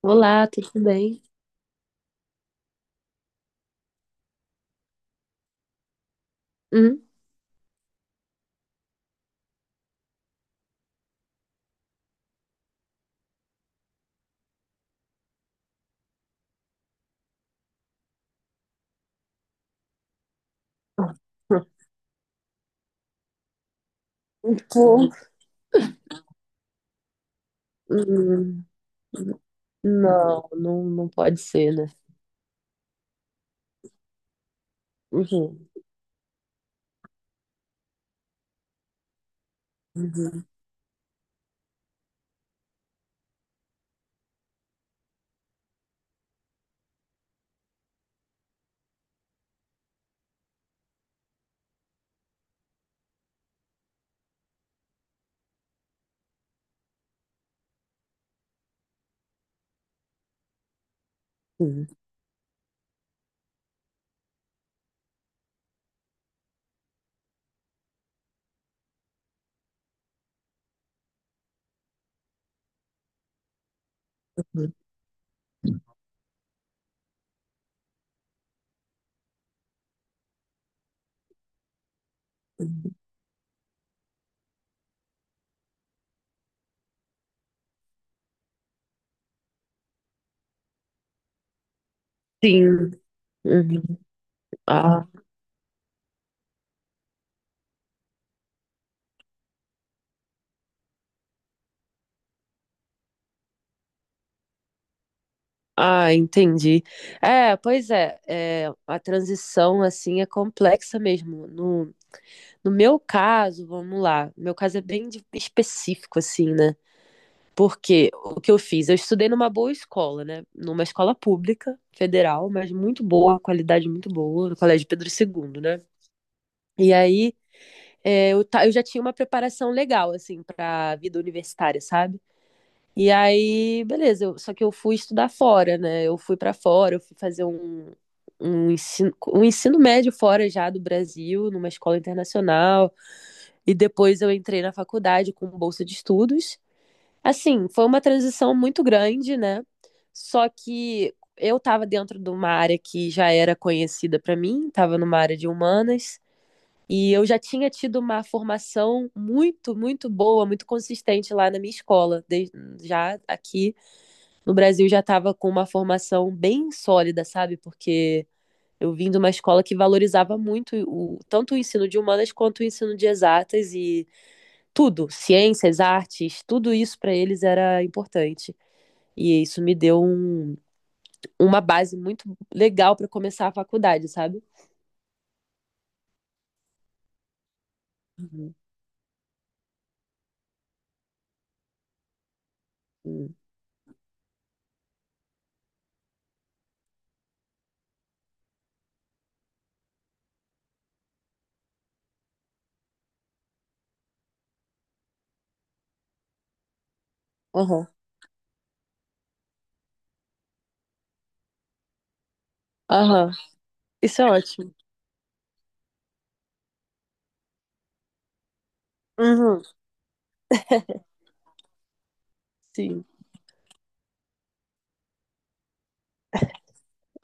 Olá, tudo bem? Hum? Pô. Hum. Não, não, não pode ser, né? Uhum, uhum, uhum, uhum, uhum. Sim, uhum. Ah, ah, entendi. É, pois é, é, a transição assim é complexa mesmo. No, no meu caso, vamos lá, meu caso é bem específico assim, né? Porque o que eu fiz? Eu estudei numa boa escola, né? Numa escola pública, federal, mas muito boa, qualidade muito boa, no Colégio Pedro II, né? E aí é, eu já tinha uma preparação legal, assim, pra vida universitária, sabe? E aí, beleza, eu- só que eu fui estudar fora, né? Eu fui pra fora, eu fui fazer um ensino médio fora já do Brasil, numa escola internacional. E depois eu entrei na faculdade com bolsa de estudos. Assim, foi uma transição muito grande, né? Só que eu estava dentro de uma área que já era conhecida para mim, estava numa área de humanas, e eu já tinha tido uma formação muito, muito boa, muito consistente lá na minha escola. Já aqui no Brasil já estava com uma formação bem sólida, sabe? Porque eu vim de uma escola que valorizava muito tanto o ensino de humanas quanto o ensino de exatas e tudo, ciências, artes, tudo isso para eles era importante. E isso me deu uma base muito legal para começar a faculdade, sabe? Uhum. Uhum. Aham. Aham. Isso é ótimo. Uhum. Sim.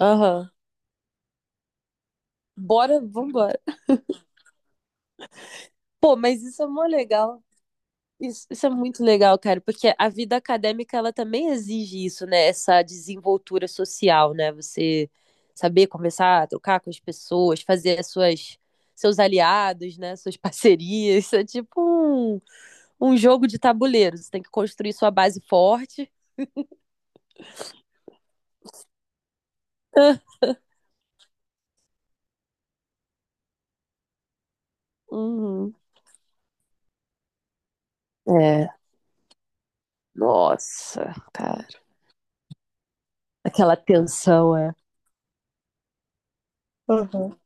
Aham. Bora, vambora. Pô, mas isso é mó legal. Isso é muito legal, cara, porque a vida acadêmica ela também exige isso, né? Essa desenvoltura social, né? Você saber conversar, trocar com as pessoas, fazer as suas seus aliados, né? Suas parcerias. Isso é tipo um jogo de tabuleiro. Você tem que construir sua base forte. Uhum. É. Nossa, cara. Aquela tensão, é. Uhum.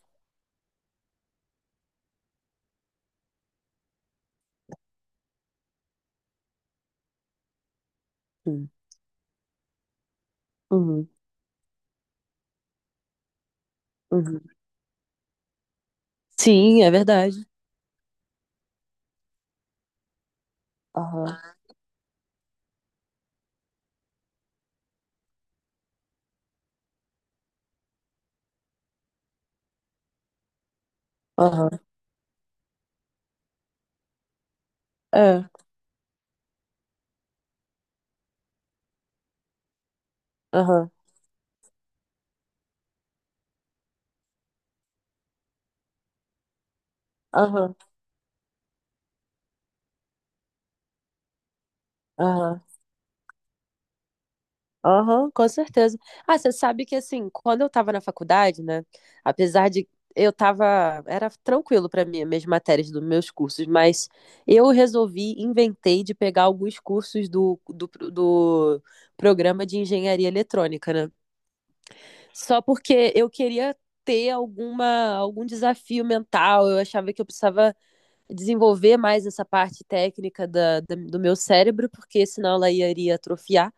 Sim. Uhum. Uhum. Sim, é verdade. Aham. Aham. É. Aham. Aham. Aham. Aham, com certeza. Ah, você sabe que assim, quando eu tava na faculdade, né? Apesar de eu tava, era tranquilo pra mim, minhas matérias dos meus cursos, mas eu resolvi, inventei de pegar alguns cursos do programa de engenharia eletrônica, né? Só porque eu queria ter algum desafio mental, eu achava que eu precisava desenvolver mais essa parte técnica do meu cérebro, porque senão ela iria atrofiar.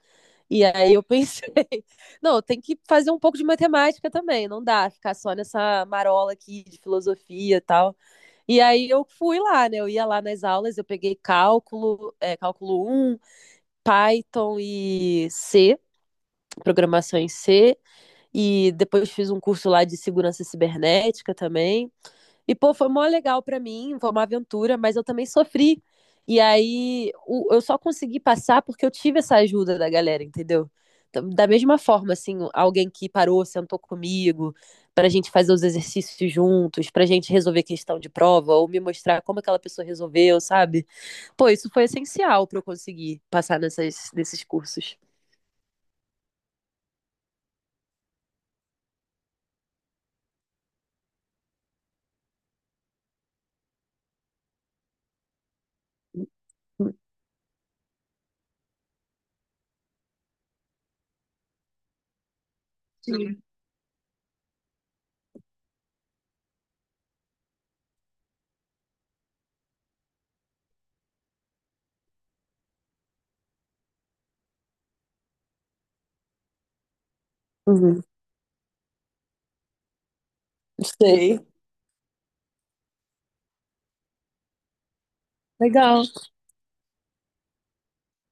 E aí eu pensei, não, tem que fazer um pouco de matemática também, não dá ficar só nessa marola aqui de filosofia e tal. E aí eu fui lá, né? Eu ia lá nas aulas, eu peguei cálculo um Python e C, programação em C, e depois fiz um curso lá de segurança cibernética também. E, pô, foi mó legal pra mim, foi uma aventura, mas eu também sofri. E aí eu só consegui passar porque eu tive essa ajuda da galera, entendeu? Então, da mesma forma, assim, alguém que parou, sentou comigo, pra gente fazer os exercícios juntos, pra gente resolver questão de prova, ou me mostrar como aquela pessoa resolveu, sabe? Pô, isso foi essencial pra eu conseguir passar nesses cursos. Sim. Uhum. Sei. Legal.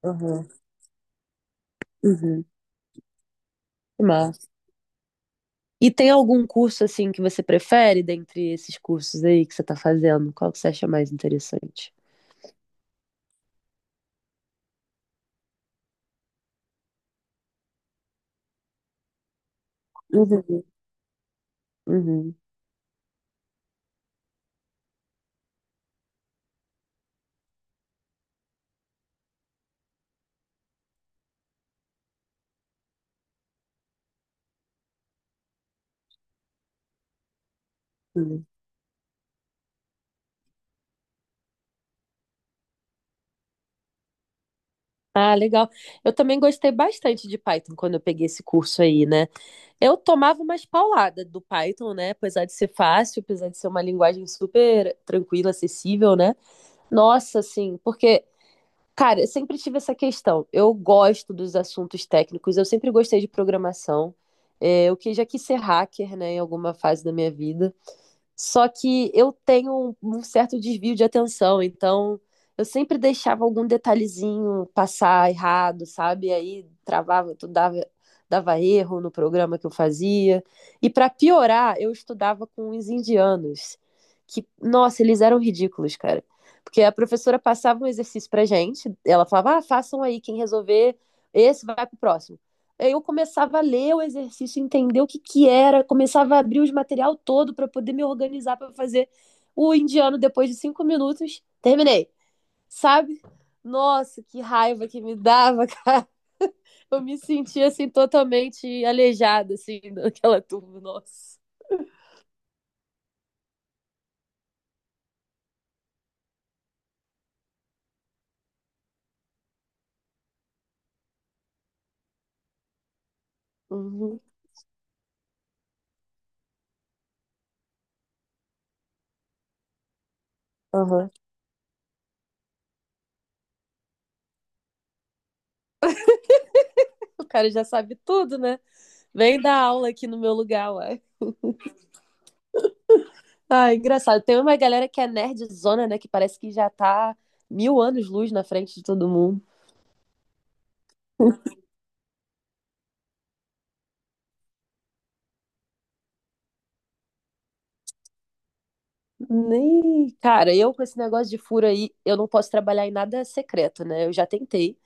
Uhum. Uhum. E tem algum curso assim que você prefere dentre esses cursos aí que você está fazendo? Qual que você acha mais interessante? Uhum, uhum, uhum. Ah, legal. Eu também gostei bastante de Python quando eu peguei esse curso aí, né? Eu tomava umas pauladas do Python, né? Apesar de ser fácil, apesar de ser uma linguagem super tranquila, acessível, né? Nossa, assim, porque cara, eu sempre tive essa questão. Eu gosto dos assuntos técnicos, eu sempre gostei de programação. É, eu que já quis ser hacker, né, em alguma fase da minha vida. Só que eu tenho um certo desvio de atenção, então eu sempre deixava algum detalhezinho passar errado, sabe? E aí travava, tu dava, dava erro no programa que eu fazia. E para piorar, eu estudava com os indianos, que, nossa, eles eram ridículos, cara. Porque a professora passava um exercício pra gente, ela falava, ah, façam aí, quem resolver esse vai pro próximo. Aí eu começava a ler o exercício, entender o que que era, começava a abrir os material todo para poder me organizar para fazer o indiano depois de 5 minutos. Terminei, sabe? Nossa, que raiva que me dava, cara. Eu me sentia assim totalmente aleijada assim daquela turma, nossa. Uhum, uhum. O cara já sabe tudo, né? Vem dar aula aqui no meu lugar, uai. Ah, engraçado. Tem uma galera que é nerdzona, né? Que parece que já tá mil anos-luz na frente de todo mundo. Nem. Cara, eu com esse negócio de furo aí, eu não posso trabalhar em nada secreto, né? Eu já tentei,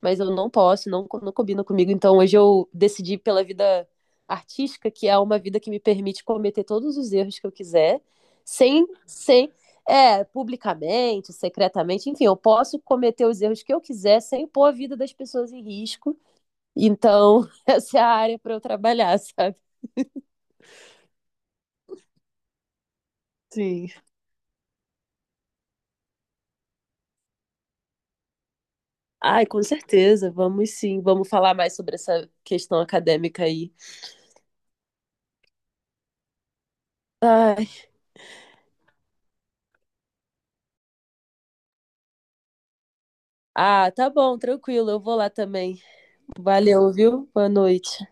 mas eu não posso, não, não combina comigo. Então hoje eu decidi pela vida artística, que é uma vida que me permite cometer todos os erros que eu quiser, sem, sem, é, publicamente, secretamente, enfim, eu posso cometer os erros que eu quiser sem pôr a vida das pessoas em risco. Então, essa é a área para eu trabalhar, sabe? Sim. Ai, com certeza, vamos sim, vamos falar mais sobre essa questão acadêmica aí. Ai, ah, tá bom, tranquilo, eu vou lá também. Valeu, viu? Boa noite.